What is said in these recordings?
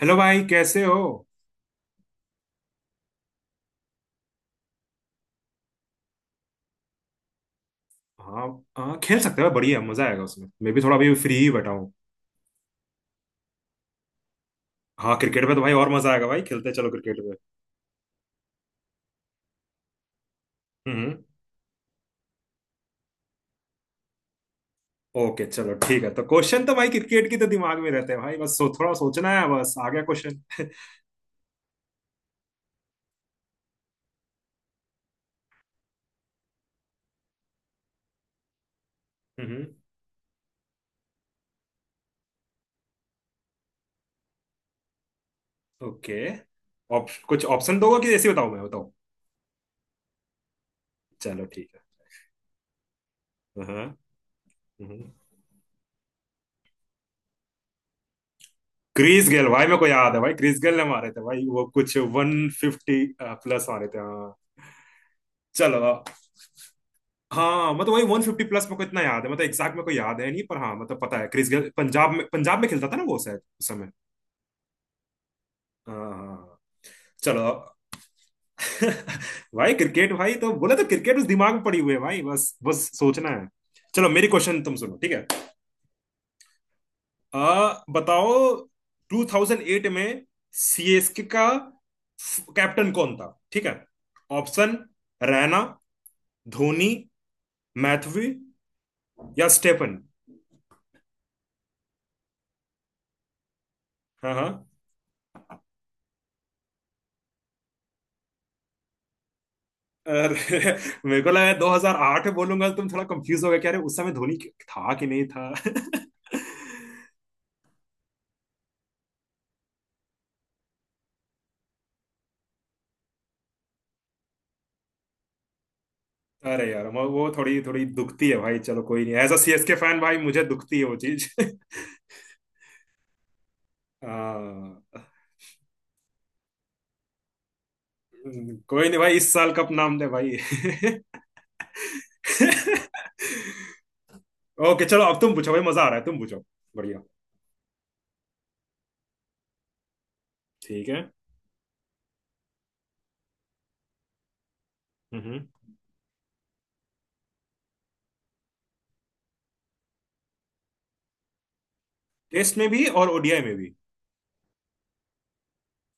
Hello भाई, कैसे हो? हाँ, हाँ, खेल सकते हो। बढ़िया मजा आएगा उसमें। मैं भी थोड़ा अभी फ्री ही बैठा हूँ। हाँ, क्रिकेट पे तो भाई और मजा आएगा। भाई खेलते हैं, चलो क्रिकेट पे। हम्म। ओके, चलो ठीक है। तो क्वेश्चन तो भाई क्रिकेट की तो दिमाग में रहते हैं भाई। बस सो, थोड़ा सोचना है। बस आ गया क्वेश्चन। हम्म। ओके, कुछ ऑप्शन दोगे कि ऐसे ही बताऊं, मैं बताऊं? चलो ठीक है। हाँ, हाँ, हम्म। क्रिस गेल भाई, मेरे को याद है भाई। क्रिस गेल ने मारे थे भाई, वो कुछ वन फिफ्टी प्लस मारे थे, हाँ। चलो। हाँ, मतलब वही वन फिफ्टी प्लस मेरे को इतना याद है। मतलब एग्जैक्ट मेरे को याद है नहीं, पर हाँ, मतलब पता है। क्रिस गेल पंजाब में खेलता था ना वो, शायद उस समय। हाँ, हाँ, हाँ। चलो। भाई क्रिकेट, भाई तो बोले तो क्रिकेट उस दिमाग में पड़ी हुई है भाई। बस बस सोचना है। चलो, मेरी क्वेश्चन तुम सुनो, ठीक है। बताओ। 2008 में सीएसके का कैप्टन कौन था, ठीक है? ऑप्शन: रैना, धोनी, मैथ्यू या स्टेफन। हाँ, हाँ। अरे मेरे को लगा 2008 में बोलूंगा तो तुम थोड़ा कंफ्यूज हो गए कि अरे उस समय धोनी था कि नहीं था। अरे यार, वो थोड़ी थोड़ी दुखती है भाई। चलो कोई नहीं, एज अ सीएसके फैन भाई मुझे दुखती है वो चीज। हाँ। कोई नहीं भाई, इस साल कप नाम दे भाई। ओके, चलो अब तुम पूछो भाई, मजा आ रहा है। तुम पूछो। बढ़िया। ठीक है। हम्म। टेस्ट में भी और ओडीआई में भी?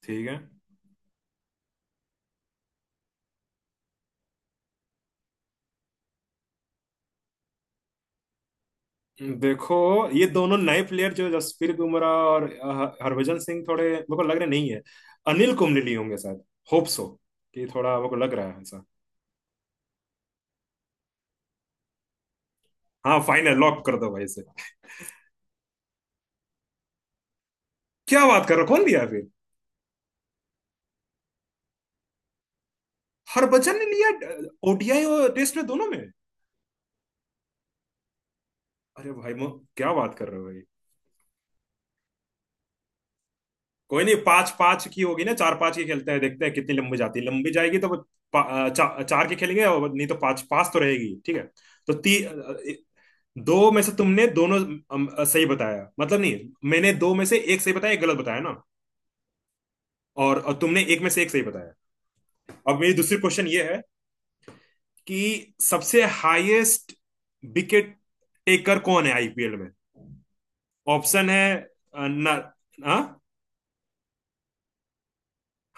ठीक है। देखो, ये दोनों नए प्लेयर जो जसप्रीत बुमराह और हरभजन सिंह, थोड़े मेरे को लग रहे नहीं है। अनिल कुंबले लिए होंगे शायद। Hope so. कि थोड़ा मेरे को लग रहा है ऐसा। हाँ, फाइनल लॉक कर दो भाई इसे। क्या बात कर रहे हो? कौन लिया फिर? हरभजन ने लिया? ओडीआई और टेस्ट में, दोनों में? अरे भाई मो क्या बात कर रहे हो भाई? कोई नहीं, पांच पांच की होगी ना, चार पांच की खेलते हैं, देखते हैं कितनी लंबी जाती है। लंबी जाएगी तो वो चार की खेलेंगे, और नहीं तो पांच पांच तो रहेगी, ठीक है। तो ती दो में से तुमने दोनों सही बताया, मतलब नहीं, मैंने दो में से एक सही बताया, एक गलत बताया ना। और तुमने एक में से एक सही बताया। अब मेरी दूसरी क्वेश्चन ये है कि सबसे हाईएस्ट विकेट टेकर कौन है आईपीएल में? ऑप्शन है ना। हाँ,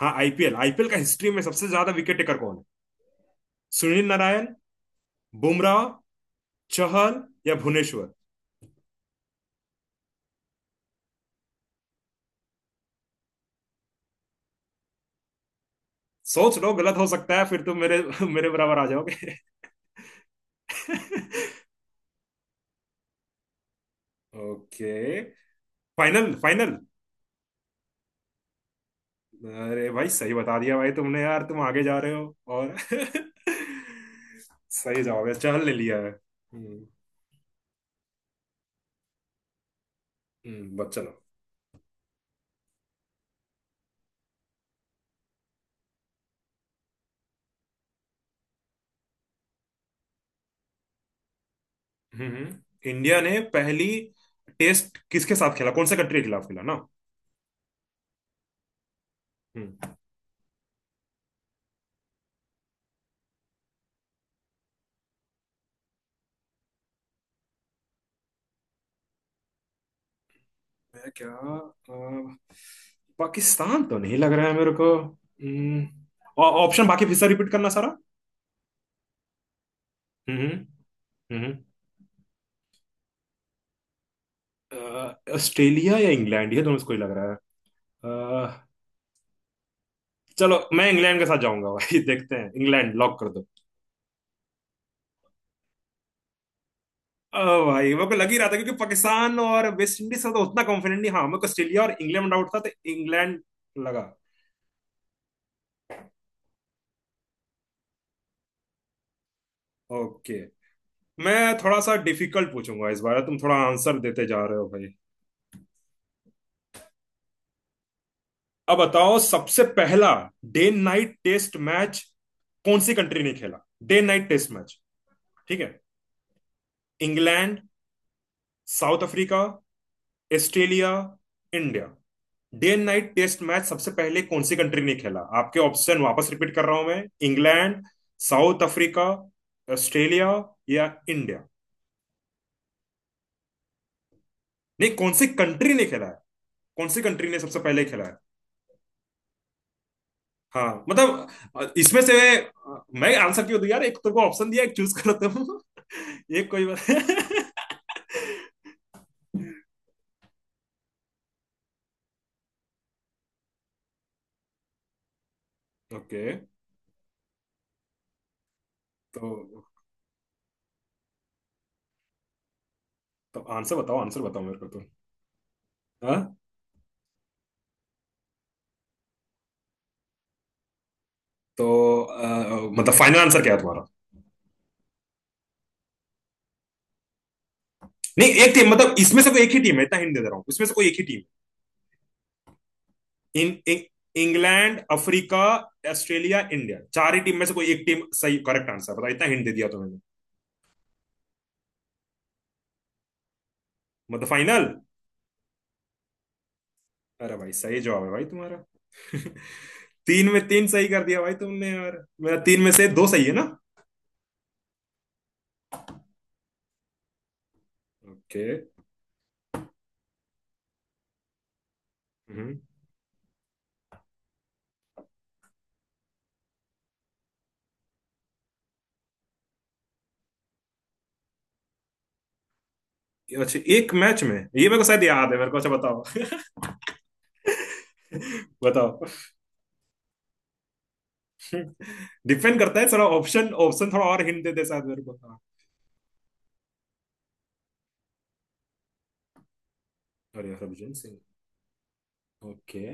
हाँ, आईपीएल आईपीएल का हिस्ट्री में सबसे ज्यादा विकेट टेकर कौन है? सुनील नारायण, बुमराह, चहल या भुवनेश्वर। सोच लो, गलत हो सकता है, फिर तुम मेरे मेरे बराबर आ जाओगे। ओके। Final, final. अरे भाई सही बता दिया भाई तुमने, यार तुम आगे जा रहे हो। और सही जवाब है, चहल ने लिया है। हम्म। बस चलो। हम्म। इंडिया ने पहली टेस्ट किसके साथ खेला, कौन सा कंट्री के खिलाफ खेला ना? हम्म। मैं क्या अ, पाकिस्तान तो नहीं लग रहा है मेरे को। हम्म। ऑप्शन बाकी फिर से रिपीट करना सारा। हम्म, हम्म। ऑस्ट्रेलिया या इंग्लैंड, ये दोनों से कोई लग रहा है। अ, चलो मैं इंग्लैंड के साथ जाऊंगा भाई, देखते हैं, इंग्लैंड लॉक कर। ओ भाई, मेरे को लग ही रहा था, क्योंकि पाकिस्तान और वेस्ट इंडीज का तो उतना कॉन्फिडेंट नहीं। हाँ, मेरे को ऑस्ट्रेलिया और इंग्लैंड आउट था, तो इंग्लैंड लगा। ओके। मैं थोड़ा सा डिफिकल्ट पूछूंगा इस बार, तुम थोड़ा आंसर देते जा रहे हो भाई। अब बताओ, सबसे पहला डे नाइट टेस्ट मैच कौन सी कंट्री ने खेला? डे नाइट टेस्ट मैच, ठीक है। England, South Africa, Australia, India. Day and night test match सबसे पहले कौन सी कंट्री ने खेला, आपके ऑप्शन वापस रिपीट कर रहा हूं मैं: इंग्लैंड, साउथ अफ्रीका, ऑस्ट्रेलिया या इंडिया। नहीं, कौन सी कंट्री ने खेला है, कौन सी कंट्री ने सबसे पहले खेला है? हाँ मतलब, इसमें से मैं आंसर क्यों दूं यार, एक तो को ऑप्शन दिया, एक चूज करो तुम। एक कोई बात। ओके। तो तो आंसर बताओ, आंसर बताओ मेरे को तो। हाँ। तो मतलब फाइनल आंसर क्या है तुम्हारा? नहीं, एक टीम मतलब इसमें से कोई एक ही टीम है, इतना हिंट दे दे रहा हूँ, इसमें से कोई एक ही टीम। इन इ- इंग्लैंड, अफ्रीका, ऑस्ट्रेलिया, इंडिया, चार ही टीम में से कोई एक टीम, सही करेक्ट आंसर बताओ, इतना हिंट दे दिया तुम्हें। मतलब फाइनल? अरे भाई, सही जवाब है भाई तुम्हारा। तीन में तीन सही कर दिया भाई तुमने यार, मेरा तीन में से दो सही है ना। ओके। हम्म। अच्छा, एक मैच में, ये मेरे को शायद याद है। मेरे को अच्छा, बताओ। बताओ। डिपेंड करता है थोड़ा। ऑप्शन ऑप्शन थोड़ा और हिंट दे दे शायद मेरे को, हाँ। अरे, हरभजन सिंह? ओके।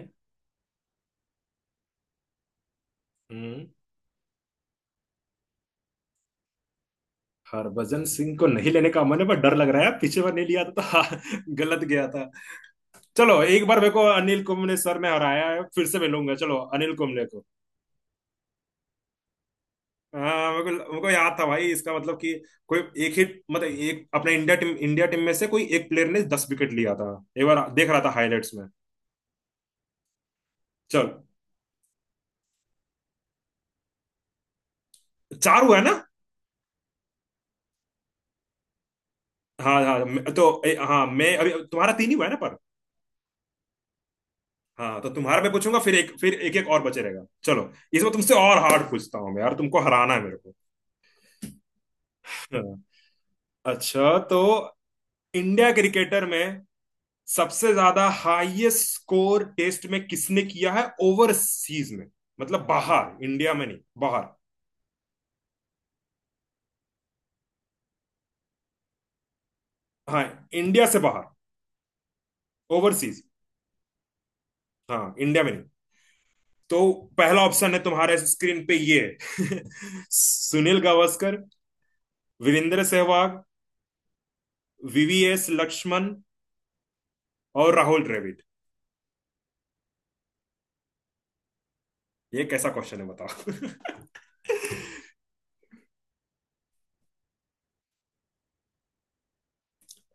हरभजन सिंह को नहीं लेने का मन है, पर डर लग रहा है, पीछे बार नहीं लिया था तो गलत गया था। चलो, एक बार मेरे को अनिल कुंबले सर ने हराया है, फिर से मिलूंगा, चलो अनिल कुंबले को। हाँ, मेरे को याद था भाई, इसका मतलब कि कोई एक ही, मतलब एक अपने इंडिया टीम, इंडिया टीम में से कोई एक प्लेयर ने 10 विकेट लिया था। एक बार देख रहा था हाईलाइट्स में। चलो। चार हुआ है ना? हाँ, हाँ, हाँ मैं अभी तुम्हारा तीन ही हुआ है ना, पर। हाँ तो तुम्हारा मैं पूछूंगा, फिर एक, फिर एक, एक और बचे रहेगा। चलो, इसमें तुमसे और हार्ड पूछता हूँ मैं यार, तुमको हराना है मेरे को। अच्छा। अच्छा, तो इंडिया क्रिकेटर में सबसे ज्यादा हाईएस्ट स्कोर टेस्ट में किसने किया है ओवरसीज में? मतलब बाहर, इंडिया में नहीं, बाहर। हाँ, इंडिया से बाहर, ओवरसीज। हाँ, इंडिया में नहीं। तो पहला ऑप्शन है तुम्हारे स्क्रीन पे ये है। सुनील गावस्कर, वीरेंद्र सहवाग, वीवीएस लक्ष्मण और राहुल द्रविड़। ये कैसा क्वेश्चन है बताओ?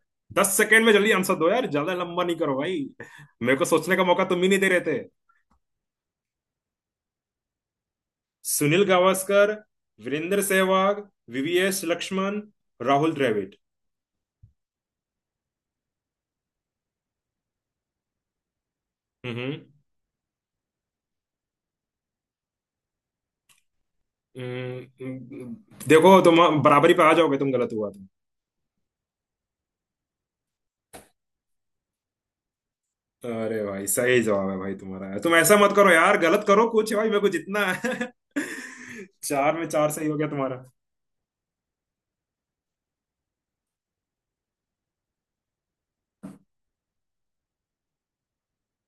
10 सेकेंड में जल्दी आंसर दो यार, ज्यादा लंबा नहीं करो भाई। मेरे को सोचने का मौका तुम ही नहीं दे रहे थे। सुनील गावस्कर, वीरेंद्र सहवाग, वीवीएस लक्ष्मण, राहुल द्रविड़। हम्म। हम्म, देखो तुम बराबरी पे आ जाओगे, तुम गलत हुआ तुम। अरे भाई, सही जवाब है भाई तुम्हारा, तुम ऐसा मत करो यार, गलत करो कुछ भाई, मेरे को जितना है। चार में चार सही हो गया तुम्हारा।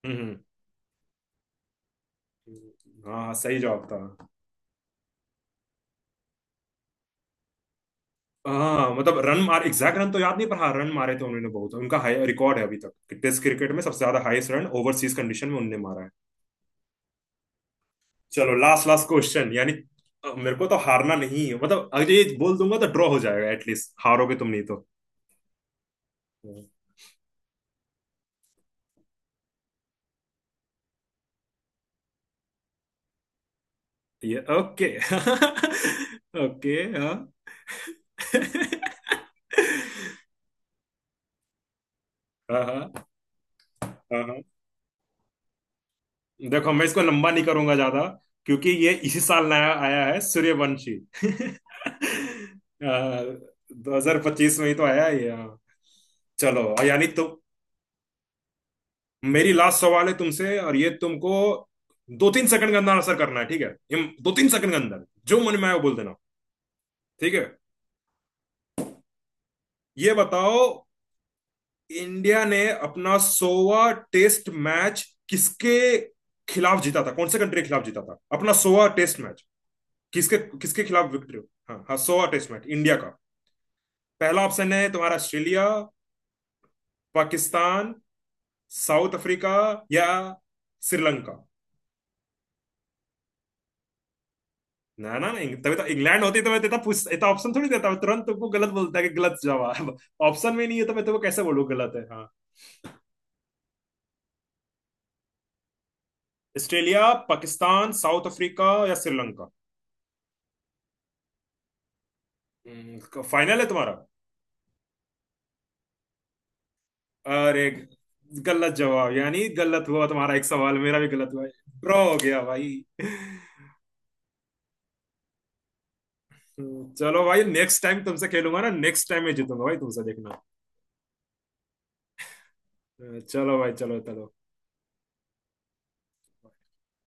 हम्म। हाँ, हाँ, सही जवाब था। हाँ मतलब रन मार एग्जैक्ट रन तो याद नहीं, पर हाँ, रन मारे थे उन्होंने बहुत, उनका हाई रिकॉर्ड है अभी तक। टेस्ट क्रिकेट में सबसे ज्यादा हाईएस्ट रन ओवरसीज कंडीशन में उनने मारा है। चलो, लास्ट लास्ट क्वेश्चन यानी, मेरे को तो हारना नहीं है, मतलब अगर ये बोल दूंगा तो ड्रॉ हो जाएगा एटलीस्ट, हारोगे तुम नहीं तो। हम्म। ये ओके, ओके। हाँ, हाँ। हाँ, हाँ। हाँ। देखो, मैं इसको लंबा नहीं करूंगा ज्यादा, क्योंकि ये इसी साल नया आया है सूर्यवंशी, 2025 में ही तो आया है ये, हाँ। चलो यानी तुम, मेरी लास्ट सवाल है तुमसे, और ये तुमको दो तीन सेकंड के अंदर आंसर करना है, ठीक है? ये दो तीन सेकंड के अंदर जो मन में आए वो बोल देना। ठीक है, ये बताओ, इंडिया ने अपना सोवा टेस्ट मैच किसके खिलाफ जीता था, कौन से कंट्री के खिलाफ जीता था अपना सोवा टेस्ट मैच, किसके, किसके खिलाफ विक्ट्री? हाँ, हाँ, सोवा टेस्ट मैच इंडिया का। पहला ऑप्शन है तुम्हारा: ऑस्ट्रेलिया, पाकिस्तान, साउथ अफ्रीका या श्रीलंका। ना, ना, ना, तभी तो इंग्लैंड होती तो मैं तेता पूछ इतना ऑप्शन थोड़ी देता, मैं तुरंत तुमको गलत बोलता कि गलत जवाब ऑप्शन में नहीं है, तो मैं तुमको कैसे बोलूँ गलत है? हाँ। ऑस्ट्रेलिया, पाकिस्तान, साउथ अफ्रीका या श्रीलंका? फाइनल है तुम्हारा? अरे, गलत जवाब यानी गलत हुआ तुम्हारा, एक सवाल मेरा भी गलत हुआ। ड्रॉ हो गया भाई। चलो भाई, नेक्स्ट टाइम तुमसे खेलूंगा ना, नेक्स्ट टाइम मैं जीतूंगा भाई तुमसे, देखना। चलो भाई, चलो, चलो।